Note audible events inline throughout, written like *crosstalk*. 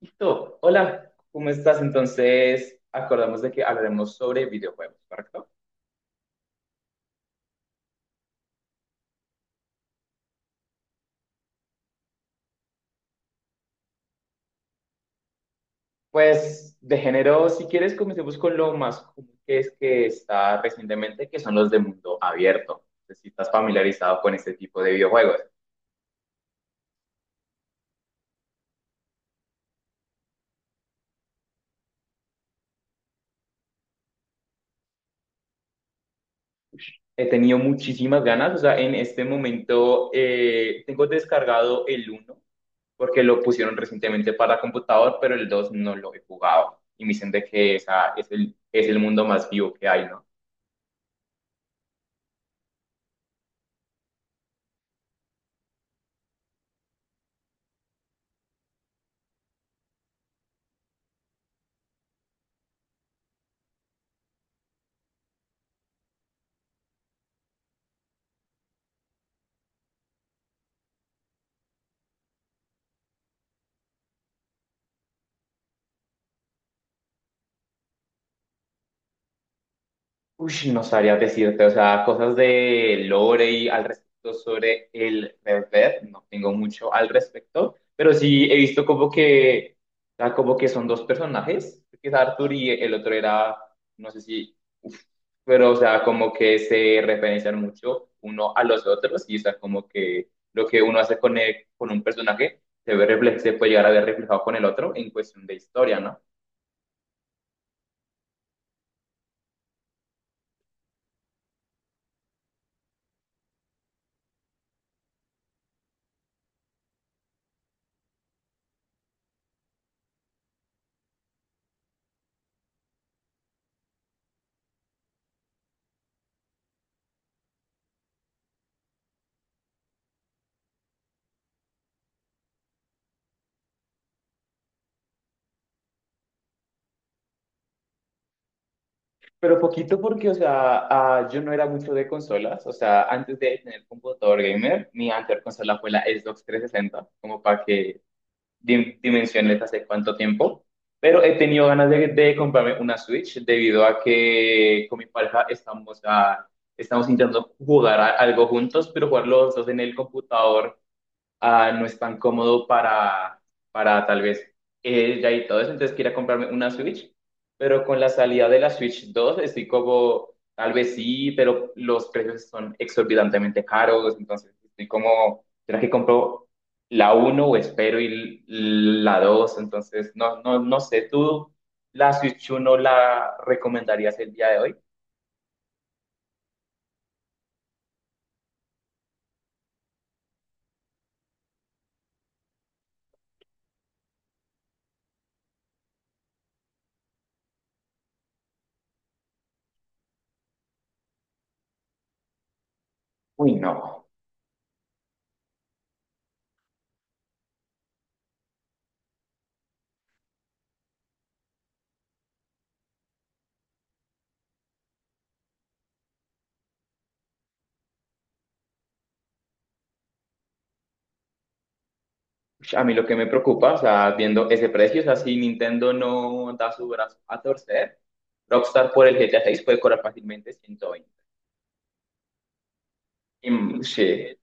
Listo. Hola, ¿cómo estás? Entonces, acordamos de que hablaremos sobre videojuegos, ¿correcto? Pues de género, si quieres, comencemos con lo más común que es que está recientemente, que son los de mundo abierto. No sé si estás familiarizado con este tipo de videojuegos. He tenido muchísimas ganas, o sea, en este momento tengo descargado el uno porque lo pusieron recientemente para computador, pero el 2 no lo he jugado. Y me dicen de que esa es es el mundo más vivo que hay, ¿no? Uy, no sabría decirte. O sea, cosas de lore y al respecto sobre el Red Dead, no tengo mucho al respecto, pero sí he visto como que, o sea, como que son dos personajes, que es Arthur y el otro era, no sé si, uf, pero o sea, como que se referencian mucho uno a los otros y o sea, como que lo que uno hace con, con un personaje se ve se puede llegar a ver reflejado con el otro en cuestión de historia, ¿no? Pero poquito porque, o sea, ah, yo no era mucho de consolas, o sea, antes de tener computador gamer, mi anterior consola fue la Xbox 360, como para que dimensiones hace cuánto tiempo, pero he tenido ganas de comprarme una Switch debido a que con mi pareja estamos, ah, estamos intentando jugar algo juntos, pero jugar los dos en el computador ah, no es tan cómodo para tal vez ella y todo eso, entonces quiera comprarme una Switch, pero con la salida de la Switch 2 estoy como, tal vez sí, pero los precios son exorbitantemente caros, entonces estoy como, ¿será que compro la uno o espero y la dos? Entonces, no sé, ¿tú la Switch uno la recomendarías el día de hoy? Uy, no. Ush, a mí lo que me preocupa, o sea, viendo ese precio, o sea, si Nintendo no da su brazo a torcer, Rockstar por el GTA 6 puede cobrar fácilmente 120. Mm, sí.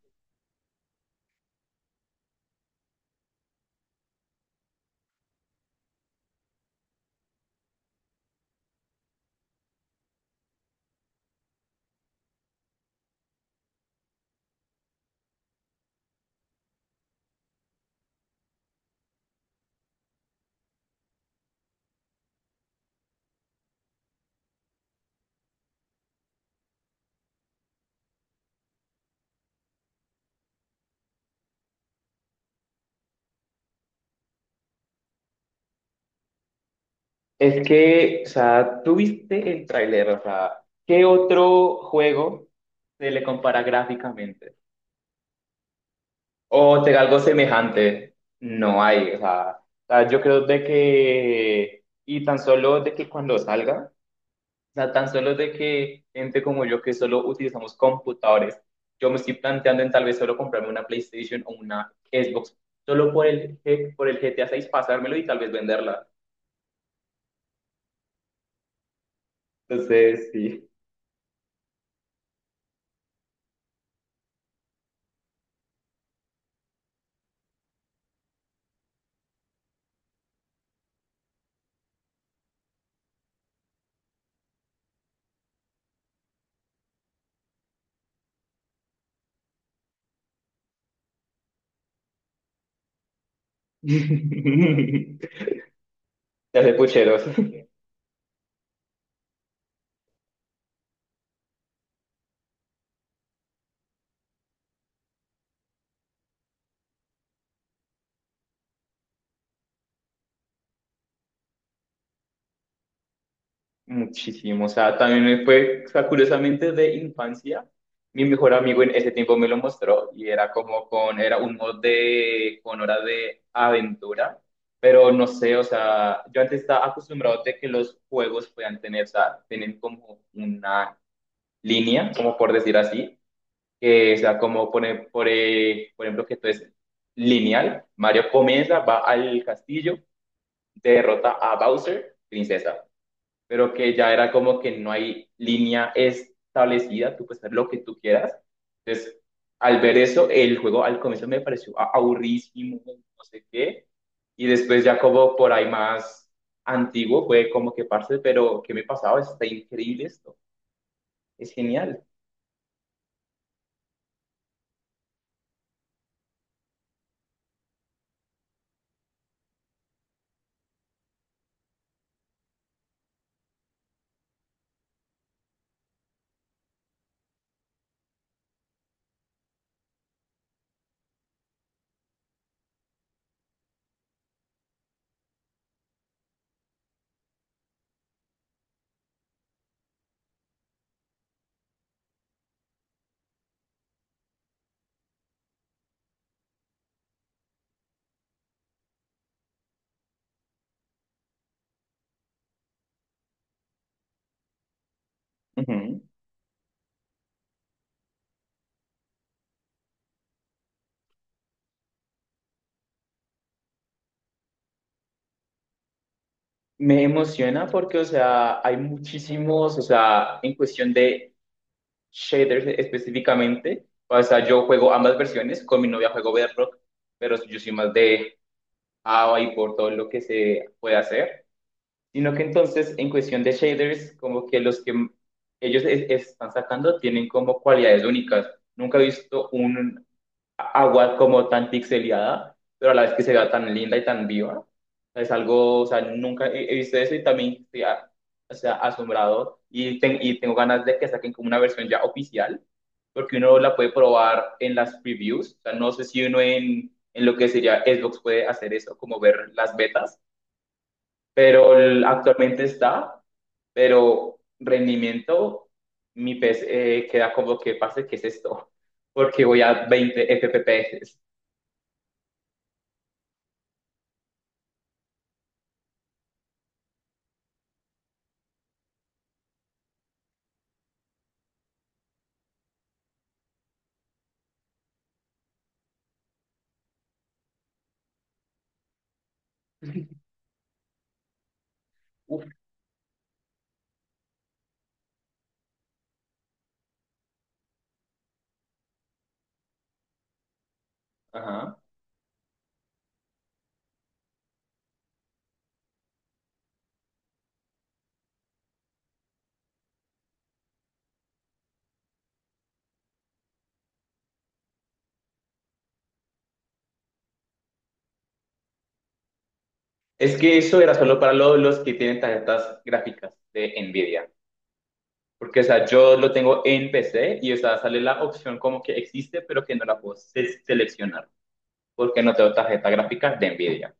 Es que, o sea, tú viste el tráiler, o sea, ¿qué otro juego se le compara gráficamente? O te da algo semejante. No hay, o sea, yo creo de que, y tan solo de que cuando salga. O sea, tan solo de que gente como yo que solo utilizamos computadores, yo me estoy planteando en tal vez solo comprarme una PlayStation o una Xbox, solo por por el GTA seis pasármelo y tal vez venderla. Entonces, sí. *laughs* Ya sé, pucheros. Muchísimo, o sea, también me fue, o sea, curiosamente de infancia, mi mejor amigo en ese tiempo me lo mostró y era como era un mod de, con hora de aventura, pero no sé, o sea, yo antes estaba acostumbrado de que los juegos puedan tener, o sea, tienen como una línea, como por decir así, que, o sea, como por ejemplo, que esto es lineal. Mario comienza, va al castillo, derrota a Bowser, princesa, pero que ya era como que no hay línea establecida, tú puedes hacer lo que tú quieras. Entonces, al ver eso, el juego al comienzo me pareció aburridísimo, no sé qué, y después ya como por ahí más antiguo fue como que parce, pero ¿qué me pasaba? Está increíble esto, es genial. Ujú. Me emociona porque, o sea, hay muchísimos, o sea, en cuestión de shaders específicamente. O sea, yo juego ambas versiones, con mi novia juego Bedrock, pero yo soy más de AVA y por todo lo que se puede hacer, sino que entonces en cuestión de shaders, como que los que ellos están sacando tienen como cualidades únicas. Nunca he visto un agua como tan pixeleada, pero a la vez que se vea tan linda y tan viva. Es algo, o sea, nunca he visto eso y también estoy o sea, asombrado y, y tengo ganas de que saquen como una versión ya oficial, porque uno la puede probar en las previews. O sea, no sé si uno en lo que sería Xbox puede hacer eso, como ver las betas, pero actualmente está, pero rendimiento, mi PC queda como que pase, ¿qué es esto? *laughs* Porque voy a 20 FPS. Uf, ajá. Es que eso era solo para los que tienen tarjetas gráficas de Nvidia. Porque, o sea, yo lo tengo en PC y, o sea, sale la opción como que existe, pero que no la puedo seleccionar. Porque no tengo tarjeta gráfica de Nvidia.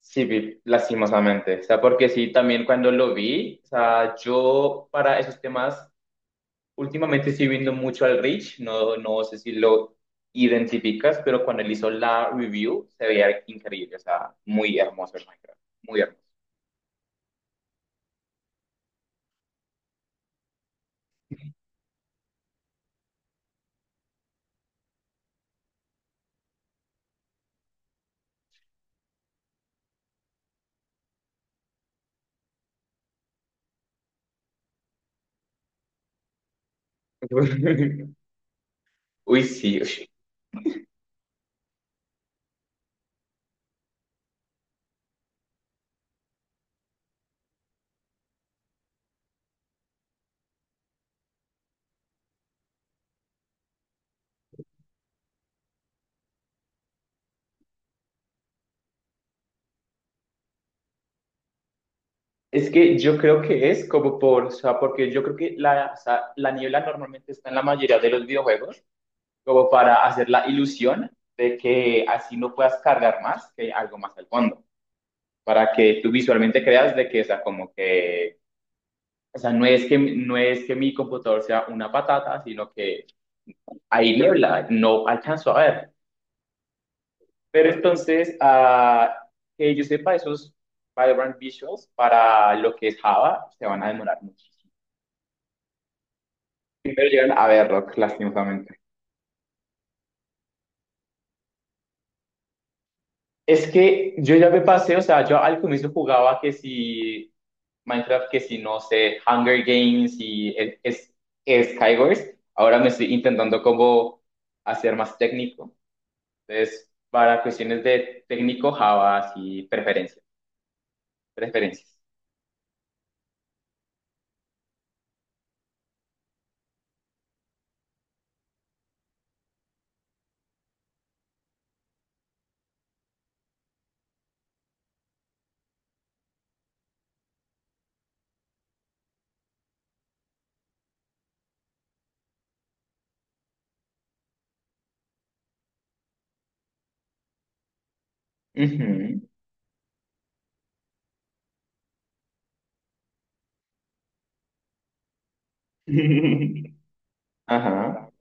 Sí, vi, lastimosamente. O sea, porque sí, también cuando lo vi, o sea, yo para esos temas, últimamente estoy viendo mucho al Rich. No, no sé si lo identificas, pero cuando él hizo la review, se veía increíble. O sea, muy hermoso el Minecraft. Muy hermoso. *laughs* Uy, sí. Uy. Es que yo creo que es como por, o sea, porque yo creo que la, o sea, la niebla normalmente está en la mayoría de los videojuegos, como para hacer la ilusión de que así no puedas cargar más, que hay algo más al fondo, para que tú visualmente creas de que, o sea, como que, o sea, no es que mi computador sea una patata, sino que hay niebla, no alcanzo a ver. Pero entonces, ah, que yo sepa, esos Vibrant Visuals para lo que es Java se van a demorar muchísimo. Primero llegan a Bedrock, lastimosamente. Es que yo ya me pasé, o sea, yo al comienzo jugaba que si Minecraft, que si no sé, Hunger Games y es Skywars. Ahora me estoy intentando como hacer más técnico. Entonces, para cuestiones de técnico, Java, y preferencias. Preferencias. Ujú. *laughs* Ajá.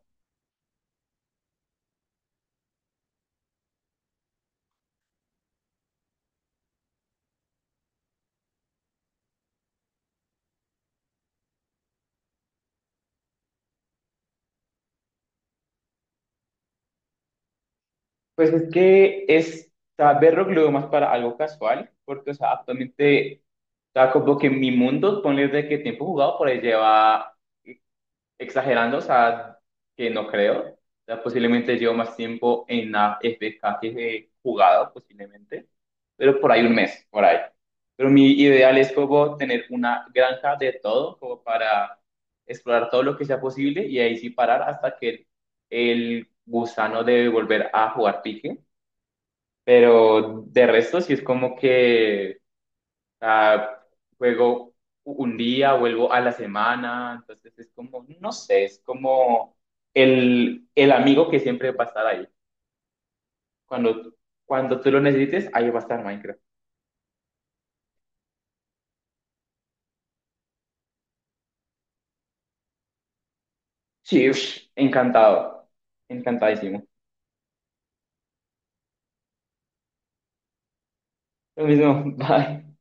Pues es que es, o sea, verlo lo veo más para algo casual, porque, o sea, actualmente, o sea, como que mi mundo, ponle de que tiempo jugado por ahí lleva, eh, exagerando, o sea, que no creo, o sea, posiblemente llevo más tiempo en la FK que he jugado, posiblemente, pero por ahí 1 mes, por ahí. Pero mi ideal es como tener una granja de todo, como para explorar todo lo que sea posible y ahí sí parar hasta que el gusano de volver a jugar pique, pero de resto, sí es como que ah, juego un día, vuelvo a la semana, entonces es como, no sé, es como el amigo que siempre va a estar ahí. Cuando, cuando tú lo necesites, ahí va a estar Minecraft. Sí, ush, encantado, encantadísimo. Lo mismo, *laughs* bye.